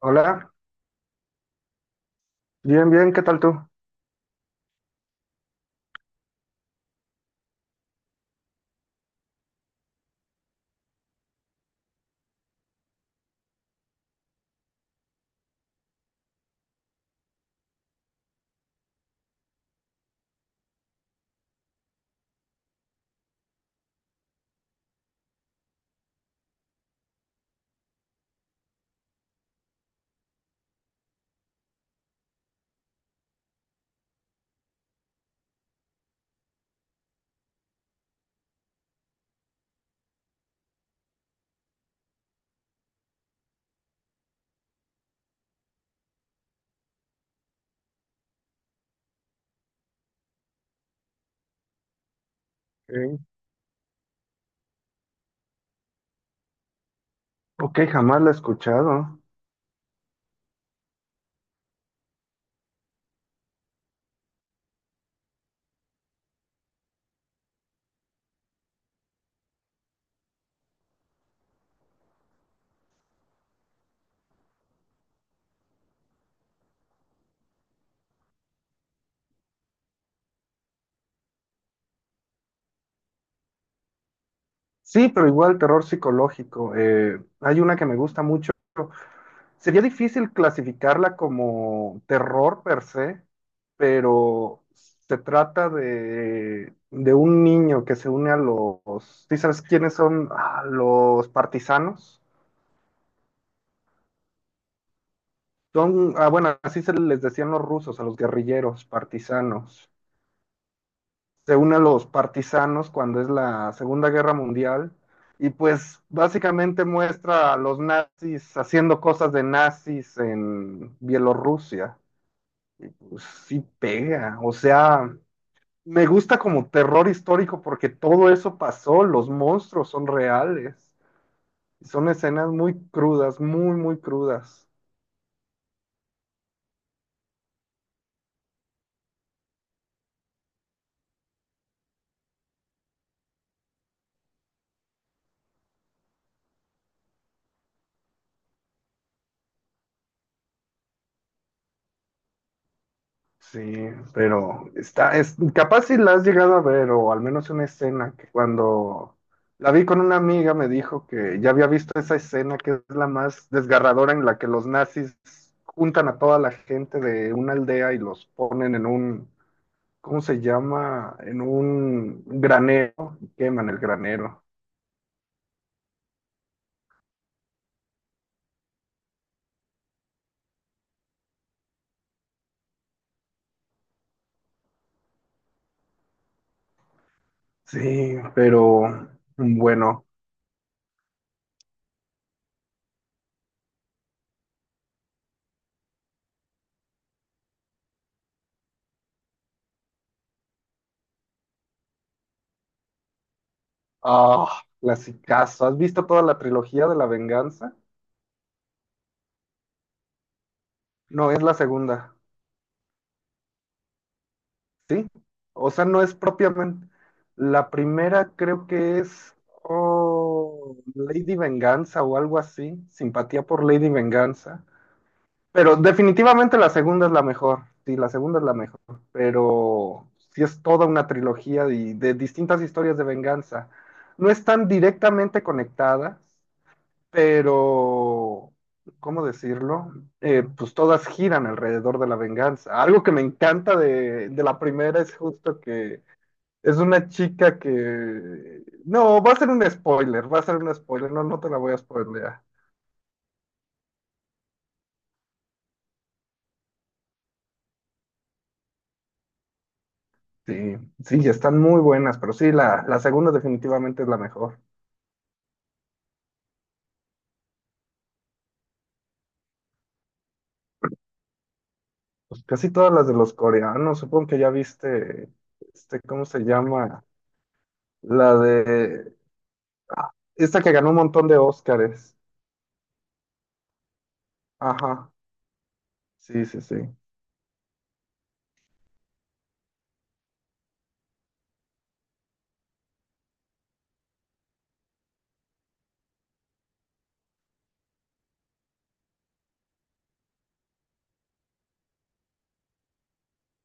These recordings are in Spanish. Hola, bien, bien, ¿qué tal tú? Ok. Ok, jamás la he escuchado. Sí, pero igual terror psicológico. Hay una que me gusta mucho. Sería difícil clasificarla como terror per se, pero se trata de un niño que se une a los... ¿Sí sabes quiénes son? Ah, los partisanos. Son, ah, bueno, así se les decían los rusos, a los guerrilleros partisanos. Se une a los partisanos cuando es la Segunda Guerra Mundial y pues básicamente muestra a los nazis haciendo cosas de nazis en Bielorrusia. Pues sí pega, o sea, me gusta como terror histórico porque todo eso pasó, los monstruos son reales, son escenas muy crudas, muy, muy crudas. Sí, pero está, es, capaz si la has llegado a ver, o al menos una escena que cuando la vi con una amiga me dijo que ya había visto esa escena que es la más desgarradora en la que los nazis juntan a toda la gente de una aldea y los ponen en un, ¿cómo se llama? En un granero, y queman el granero. Sí, pero bueno, ah, clasicazo. ¿Has visto toda la trilogía de la venganza? No, es la segunda. Sí, o sea, no es propiamente. La primera creo que es oh, Lady Venganza o algo así, simpatía por Lady Venganza. Pero definitivamente la segunda es la mejor, sí, la segunda es la mejor. Pero sí es toda una trilogía de distintas historias de venganza. No están directamente conectadas, pero, ¿cómo decirlo? Pues todas giran alrededor de la venganza. Algo que me encanta de la primera es justo que es una chica que... No, va a ser un spoiler, va a ser un spoiler, no, no te la voy a spoilear. Sí, sí, están muy buenas, pero sí, la segunda definitivamente es la mejor. Pues casi todas las de los coreanos, supongo que ya viste, este, ¿cómo se llama? La de... ah, esta que ganó un montón de Óscares. Ajá. Sí, sí, sí.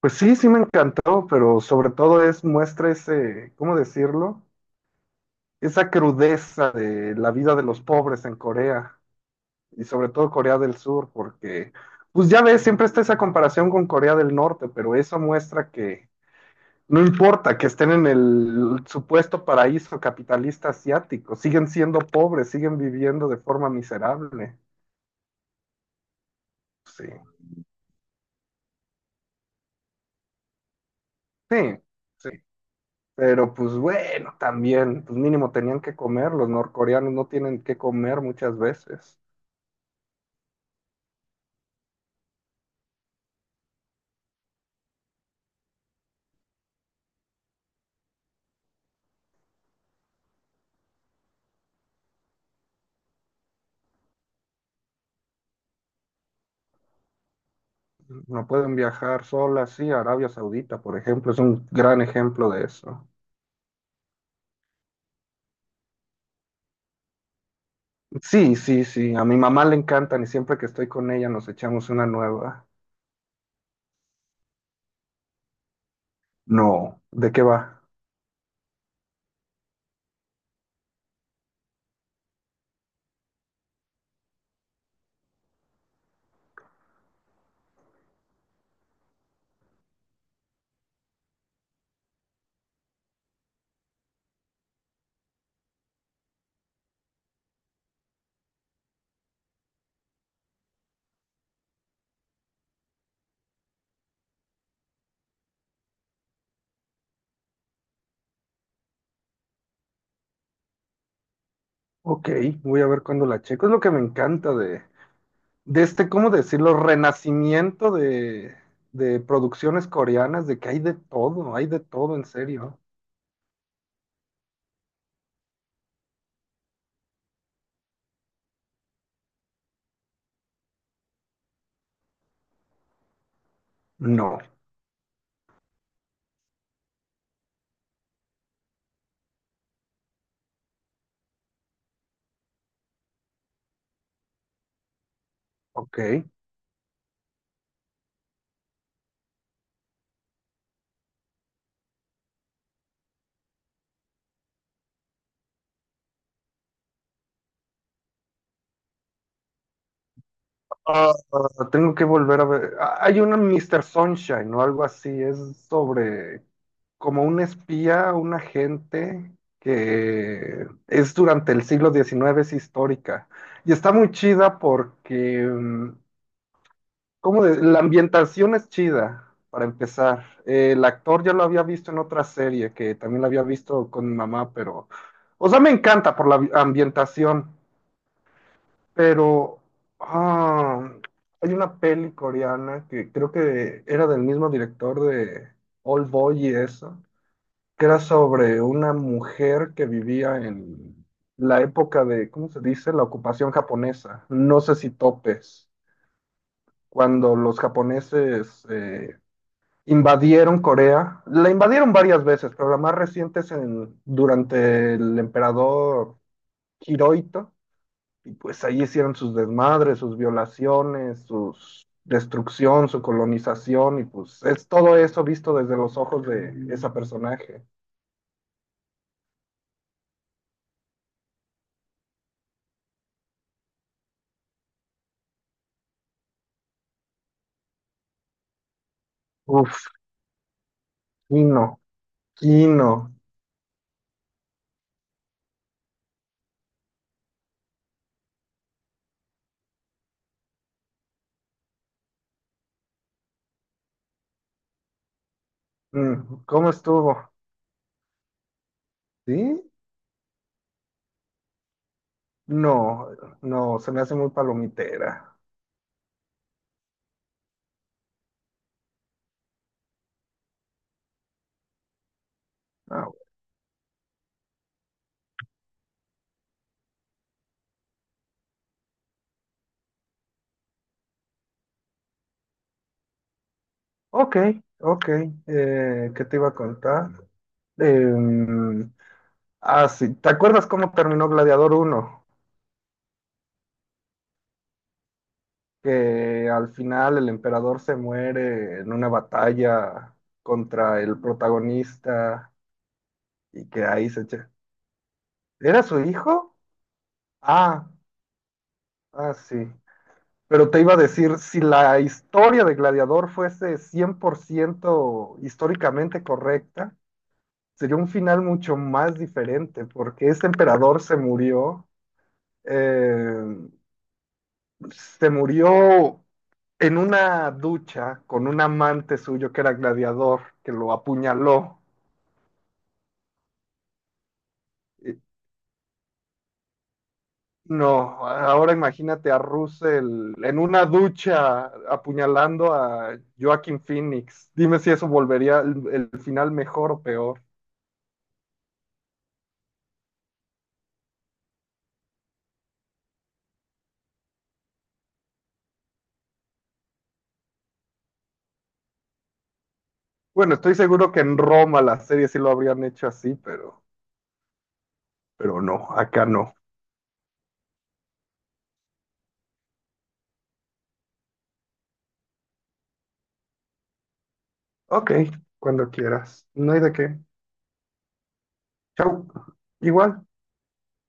Pues sí, sí me encantó, pero sobre todo es muestra ese, ¿cómo decirlo? Esa crudeza de la vida de los pobres en Corea y sobre todo Corea del Sur, porque pues ya ves, siempre está esa comparación con Corea del Norte, pero eso muestra que no importa que estén en el supuesto paraíso capitalista asiático, siguen siendo pobres, siguen viviendo de forma miserable. Sí, sí, sí. Pero pues bueno, también, pues mínimo tenían que comer, los norcoreanos no tienen que comer muchas veces, no pueden viajar solas, sí, a Arabia Saudita, por ejemplo, es un gran ejemplo de eso. Sí, sí, sí, a mi mamá le encantan y siempre que estoy con ella nos echamos una nueva. No, ¿de qué va? Ok, voy a ver cuándo la checo, es lo que me encanta de este, ¿cómo decirlo? Renacimiento de producciones coreanas, de que hay de todo, en serio. No, ok. Ah, tengo que volver a ver. Ah, hay una Mr. Sunshine o algo así. Es sobre como un espía, un agente que es durante el siglo XIX, es histórica. Y está muy chida porque, ¿cómo de- la ambientación es chida, para empezar. El actor ya lo había visto en otra serie, que también lo había visto con mi mamá, pero... O sea, me encanta por la ambientación. Pero ah, hay una peli coreana que creo que era del mismo director de Old Boy y eso, que era sobre una mujer que vivía en la época de, ¿cómo se dice? La ocupación japonesa. No sé si topes. Cuando los japoneses invadieron Corea, la invadieron varias veces, pero la más reciente es en, durante el emperador Hirohito, y pues ahí hicieron sus desmadres, sus violaciones, su destrucción, su colonización, y pues es todo eso visto desde los ojos de esa personaje. Uf, Kino, Kino. Mm, ¿cómo estuvo? ¿Sí? No, no, se me hace muy palomitera. Ah, ok, ok, ¿qué te iba a contar? Em, ah, sí, ¿te acuerdas cómo terminó Gladiador uno, que al final el emperador se muere en una batalla contra el protagonista y que ahí se echa. ¿Era su hijo? Ah, ah, sí. Pero te iba a decir, si la historia de Gladiador fuese 100% históricamente correcta, sería un final mucho más diferente, porque ese emperador eh, se murió en una ducha con un amante suyo que era gladiador, que lo apuñaló. Eh, No, ahora imagínate a Russell en una ducha apuñalando a Joaquin Phoenix. Dime si eso volvería el final mejor o peor. Bueno, estoy seguro que en Roma la serie sí lo habrían hecho así, pero no, acá no. Ok, cuando quieras. No hay de qué. Chau. Igual.